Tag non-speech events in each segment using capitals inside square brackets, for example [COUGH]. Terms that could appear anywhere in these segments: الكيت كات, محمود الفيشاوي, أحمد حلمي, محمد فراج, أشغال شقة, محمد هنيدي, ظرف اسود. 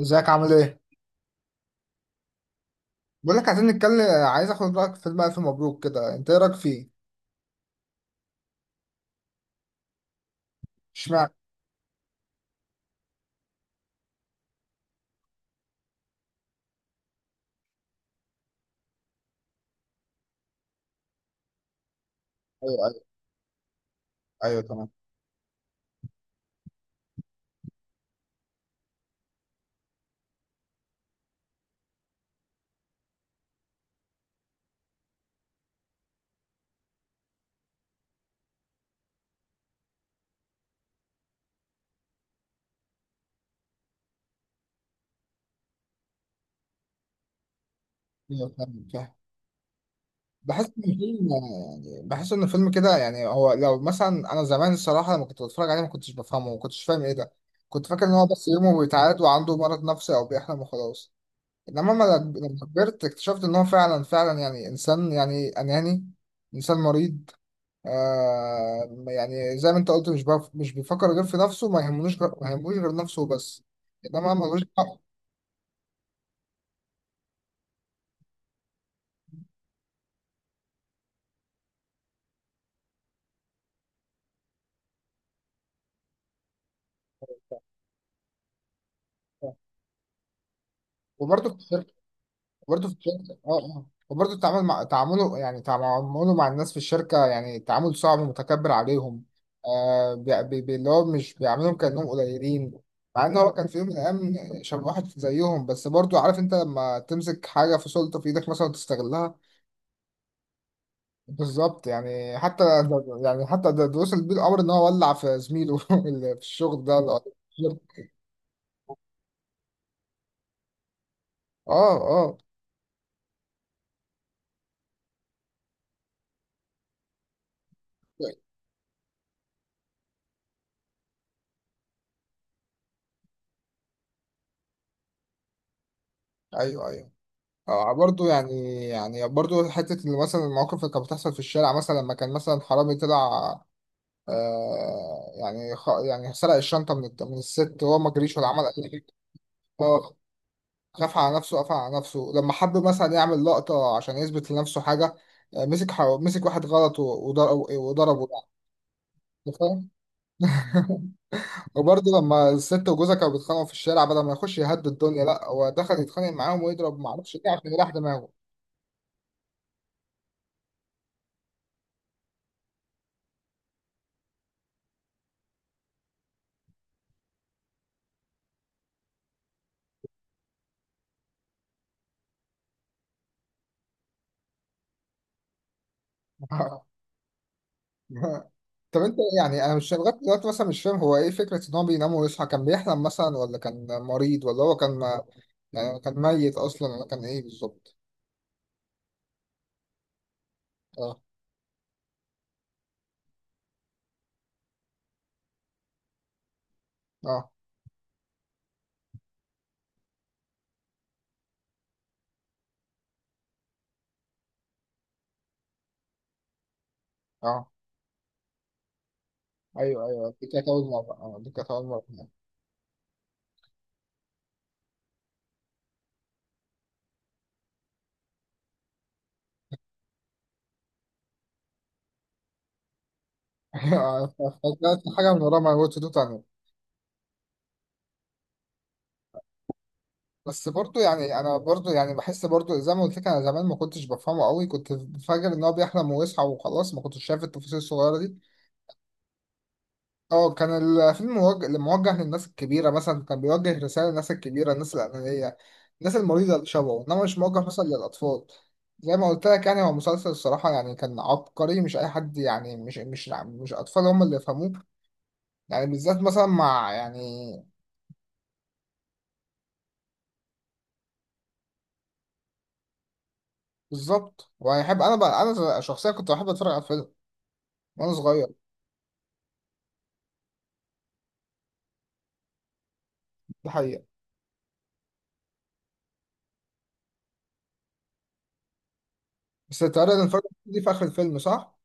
ازيك عامل ايه؟ بقول لك عايزين نتكلم، عايز اخد رايك في بقى في مبروك كده. انت ايه رايك فيه؟ اشمعنى؟ ايوه. ايوه تمام. ايوه تمام فاهم. بحس ان الفيلم، يعني بحس ان الفيلم كده يعني هو لو مثلا انا زمان، الصراحه لما كنت بتفرج عليه ما كنتش بفهمه، ما كنتش فاهم ايه ده. كنت فاكر ان هو بس يومه بيتعاد وعنده مرض نفسي او بيحلم وخلاص. انما لما، لما كبرت اكتشفت ان هو فعلا يعني انسان، يعني اناني، انسان مريض. آه، يعني زي ما انت قلت، مش بيفكر غير في نفسه، ما يهمنوش غ... ما يهموش غير نفسه بس. انما ملوش دعوة. وبرضه في الشركه، وبرضه التعامل، مع تعامله يعني تعامله مع الناس في الشركه يعني تعامل صعب، ومتكبر عليهم. آه، اللي هو مش بيعاملهم كانهم قليلين، مع ان هو كان في يوم من الايام شبه واحد زيهم. بس برضه عارف انت لما تمسك حاجه، في سلطه في ايدك مثلا، وتستغلها. بالظبط. يعني حتى ده وصل بيه الامر ان هو ولع في زميله [LAUGHS] اللي في الشغل، اه اه. ايوه ايوه. آه برضه، يعني برضه حته، اللي مثلا المواقف اللي كانت بتحصل في الشارع مثلا، لما كان مثلا حرامي طلع. آه يعني، يعني سرق الشنطه من الست، وهو ما جريش ولا عمل اي حاجه. اه. خاف على نفسه، قفل على نفسه. لما حب مثلا يعمل لقطه عشان يثبت لنفسه حاجه، آه مسك واحد غلط وضربه يعني. أنت فاهم. [LAUGHS] وبرضه لما الست وجوزها كانوا بيتخانقوا في الشارع، بدل ما يخش يهدي الدنيا، لا، هو دخل يتخانق معاهم ويضرب، ما اعرفش ايه، عشان يريح دماغه. [LAUGHS] طب انت يعني، انا مش لغايه دلوقتي مثلا مش فاهم هو ايه فكره ان هو بينام ويصحى. كان بيحلم مثلا ولا كان مريض، ولا هو كان، يعني كان ميت اصلا، ولا كان ايه بالظبط؟ اه اه. اه. ايوه ايوه، دي كانت اول مره. اه، دي كانت اول مره. [LAUGHS] آه، فكرت حاجه من ورا ما قلت دو تاني. بس برضو يعني، انا برضو يعني بحس برضو زي ما قلت لك، انا زمان ما كنتش بفهمه قوي، كنت فاكر ان هو بيحلم ويصحى وخلاص، ما كنتش شايف التفاصيل الصغيره دي. اه كان الفيلم موجه للناس الكبيره، مثلا كان بيوجه رساله للناس الكبيره، الناس الانانيه، الناس المريضه اللي شبهه. انما مش موجه مثلا للاطفال. زي ما قلت لك يعني، هو مسلسل الصراحه يعني كان عبقري، مش اي حد يعني، مش اطفال هم اللي يفهموه. يعني بالذات مثلا مع يعني، بالظبط. وهيحب. انا بقى، انا شخصيا كنت بحب اتفرج على الفيلم وانا صغير. ده حقيقي. بس تعالى نتفرج، دي في آخر الفيلم صح؟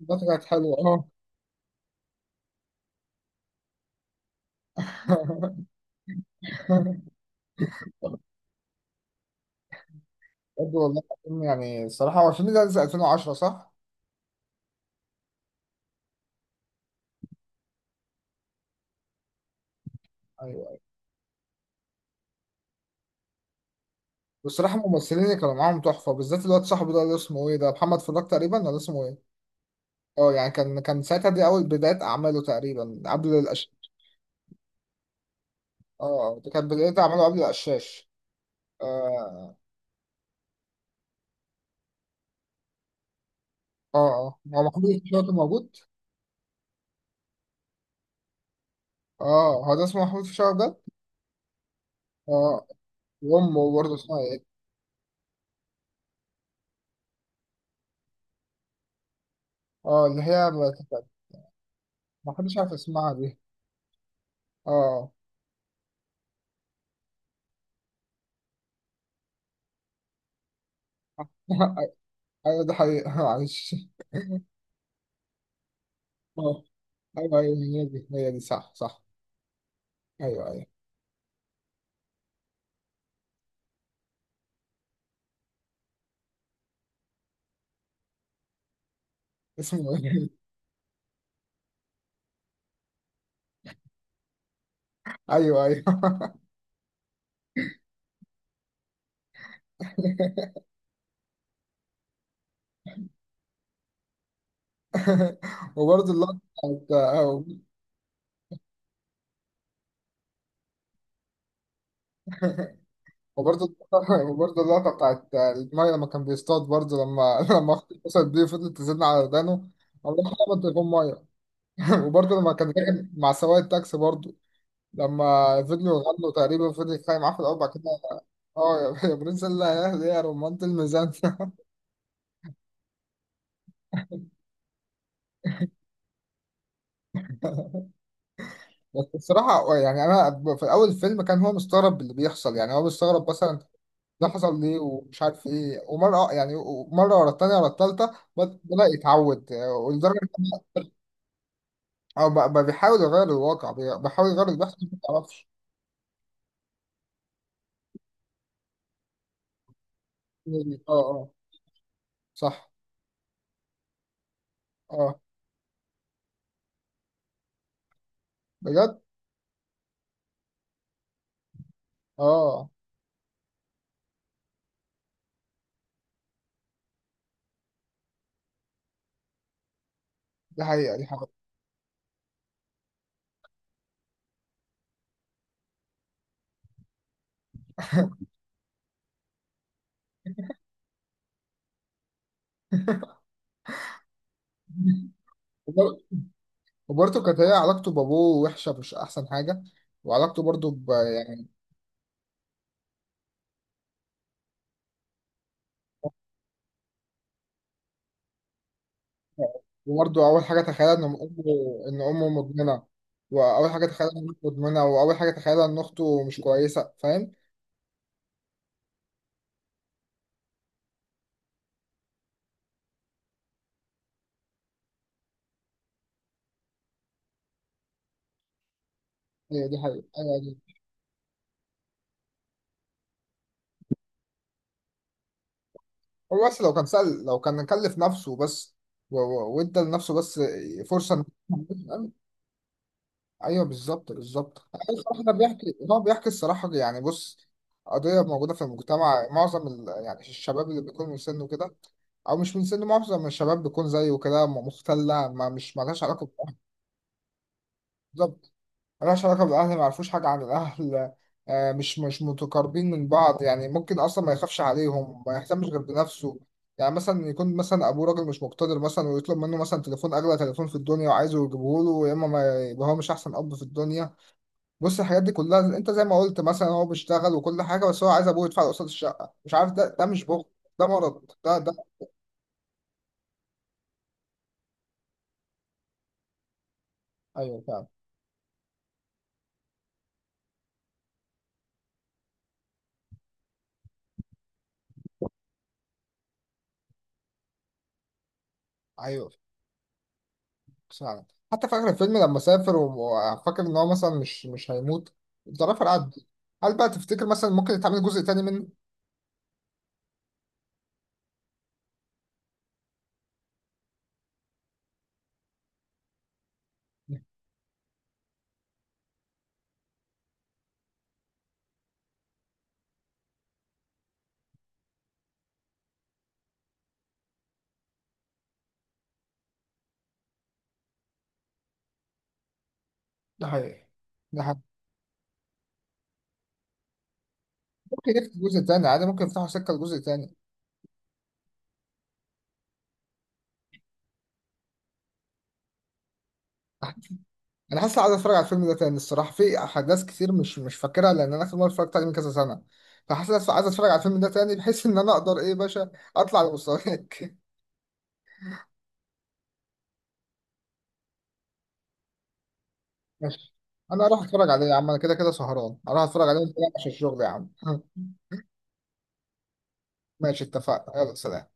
ده كانت حلوة اه. [LAUGHS] بجد والله العظيم. يعني الصراحة هو الفيلم ده نزل 2010 صح؟ أيوه أيوه. والصراحة الممثلين اللي كانوا معاهم تحفة، بالذات الواد صاحبه ده، اللي اسمه إيه ده، محمد فراج تقريبا ولا اسمه إيه؟ أه، يعني كان ساعتها دي أول بداية أعماله تقريبا، قبل الأش. أه آه، دي كانت بداية أعماله قبل الأشاش. أه أه. أه، هو محمود الفيشاوي كان موجود؟ أه، هو ده اسمه محمود الفيشاوي ده؟ أه. وأمه برضه اسمها إيه؟ أه اللي هي، ما، ما حدش عارف اسمها. اه. [LAUGHS] ايوه ده حقيقة. [LAUGHS] معلش. اه. ايوه ايوه، هي دي صح صح. ايوه ايوه. اسمه ايه؟ [LAUGHS] ايوه ايوه. [LAUGHS] وبرضه اللقطة بتاعت آه، وبرضه، [LAUGHS] وبرضه اللقطة بتاعت المية لما كان بيصطاد، برضه لما، [LAUGHS] لما اخته اتصلت بيه فضلت تزن على ودانه. الله، خبط تليفون مية. [LAUGHS] وبرضه لما كان راجع مع سواق التاكسي برضه، لما فضلوا يغنوا، تقريبا فضل يتخانق معاه في الأول، بعد كده اه، يا [LAUGHS] يا برنس، الله، يا أهل، يا رمانة الميزان. [LAUGHS] بس بصراحة آه، يعني أنا في أول الفيلم كان هو مستغرب اللي بيحصل، يعني هو مستغرب مثلا ده حصل ليه ومش عارف إيه. ومرة آه، يعني مرة ورا التانية ورا التالتة بدأ يتعود آه، ولدرجة إن هو آه، بقى بيحاول يغير الواقع، بيحاول يغير اللي بيحصل، ما تعرفش. آه آه. صح. آه. بجد. آه، دي حقيقة، دي حقيقة. [LAUGHS] وبر- وبرضه كانت هي علاقته بأبوه وحشة، مش أحسن حاجة. وعلاقته برضه ب... يعني، وبرضه أول حاجة تخيلها إن أمه، إن أمه مدمنة. وأول حاجة تخيلها إن أمه مدمنة، وأول حاجة تخيلها إن أخته مش كويسة، فاهم؟ هي دي حقيقة، أيوة دي. هو بس لو كان سأل، لو كان كلف نفسه بس، و- و- وإدى لنفسه بس فرصة، إن- أيوه بالظبط بالظبط. أنا الصراحة ده بيحكي، هو بيحكي الصراحة يعني، بص، قضية موجودة في المجتمع، معظم ال... يعني الشباب اللي بيكون من سنه كده، او مش من سن، معظم الشباب بيكون زيه كده، مختلة، ما، مش مالهاش علاقة. بالظبط. ملهاش علاقة بالأهل، ما يعرفوش حاجة عن الأهل، آه، مش متقاربين من بعض يعني. ممكن أصلا ما يخافش عليهم، ما يهتمش غير بنفسه. يعني مثلا يكون مثلا أبوه راجل مش مقتدر مثلا، ويطلب منه مثلا تليفون أغلى تليفون في الدنيا، وعايزه يجيبه له، يا إما ما يبقى هو مش أحسن أب في الدنيا. بص، الحاجات دي كلها، أنت زي ما قلت مثلا هو بيشتغل وكل حاجة، بس هو عايز أبوه يدفع له قسط الشقة. مش عارف، ده مش بخل، ده مرض، ده ده، أيوه فعلا. أيوه فعلا. حتى في آخر الفيلم لما سافر وفاكر إن هو مثلا مش هيموت، الظرافة عدى. هل بقى تفتكر مثلا ممكن يتعمل جزء تاني منه؟ ده حقيقي، ده حقيقي. ممكن يفتح جزء تاني عادي، ممكن يفتحوا سكة لجزء تاني. أنا حاسس عايز أتفرج على الفيلم ده تاني الصراحة، في أحداث كتير مش فاكرها، لأن أنا آخر مرة اتفرجت عليه من كذا سنة. فحاسس عايز أتفرج على الفيلم ده تاني، بحيث إن أنا أقدر إيه يا باشا أطلع لمستواك. [LAUGHS] ماشي. أنا أروح أتفرج عليه يا عم، أنا كده سهران، أروح أتفرج عليه، وأنت رايح عشان الشغل يا عم. [LAUGHS] ماشي، اتفقنا، يلا سلام.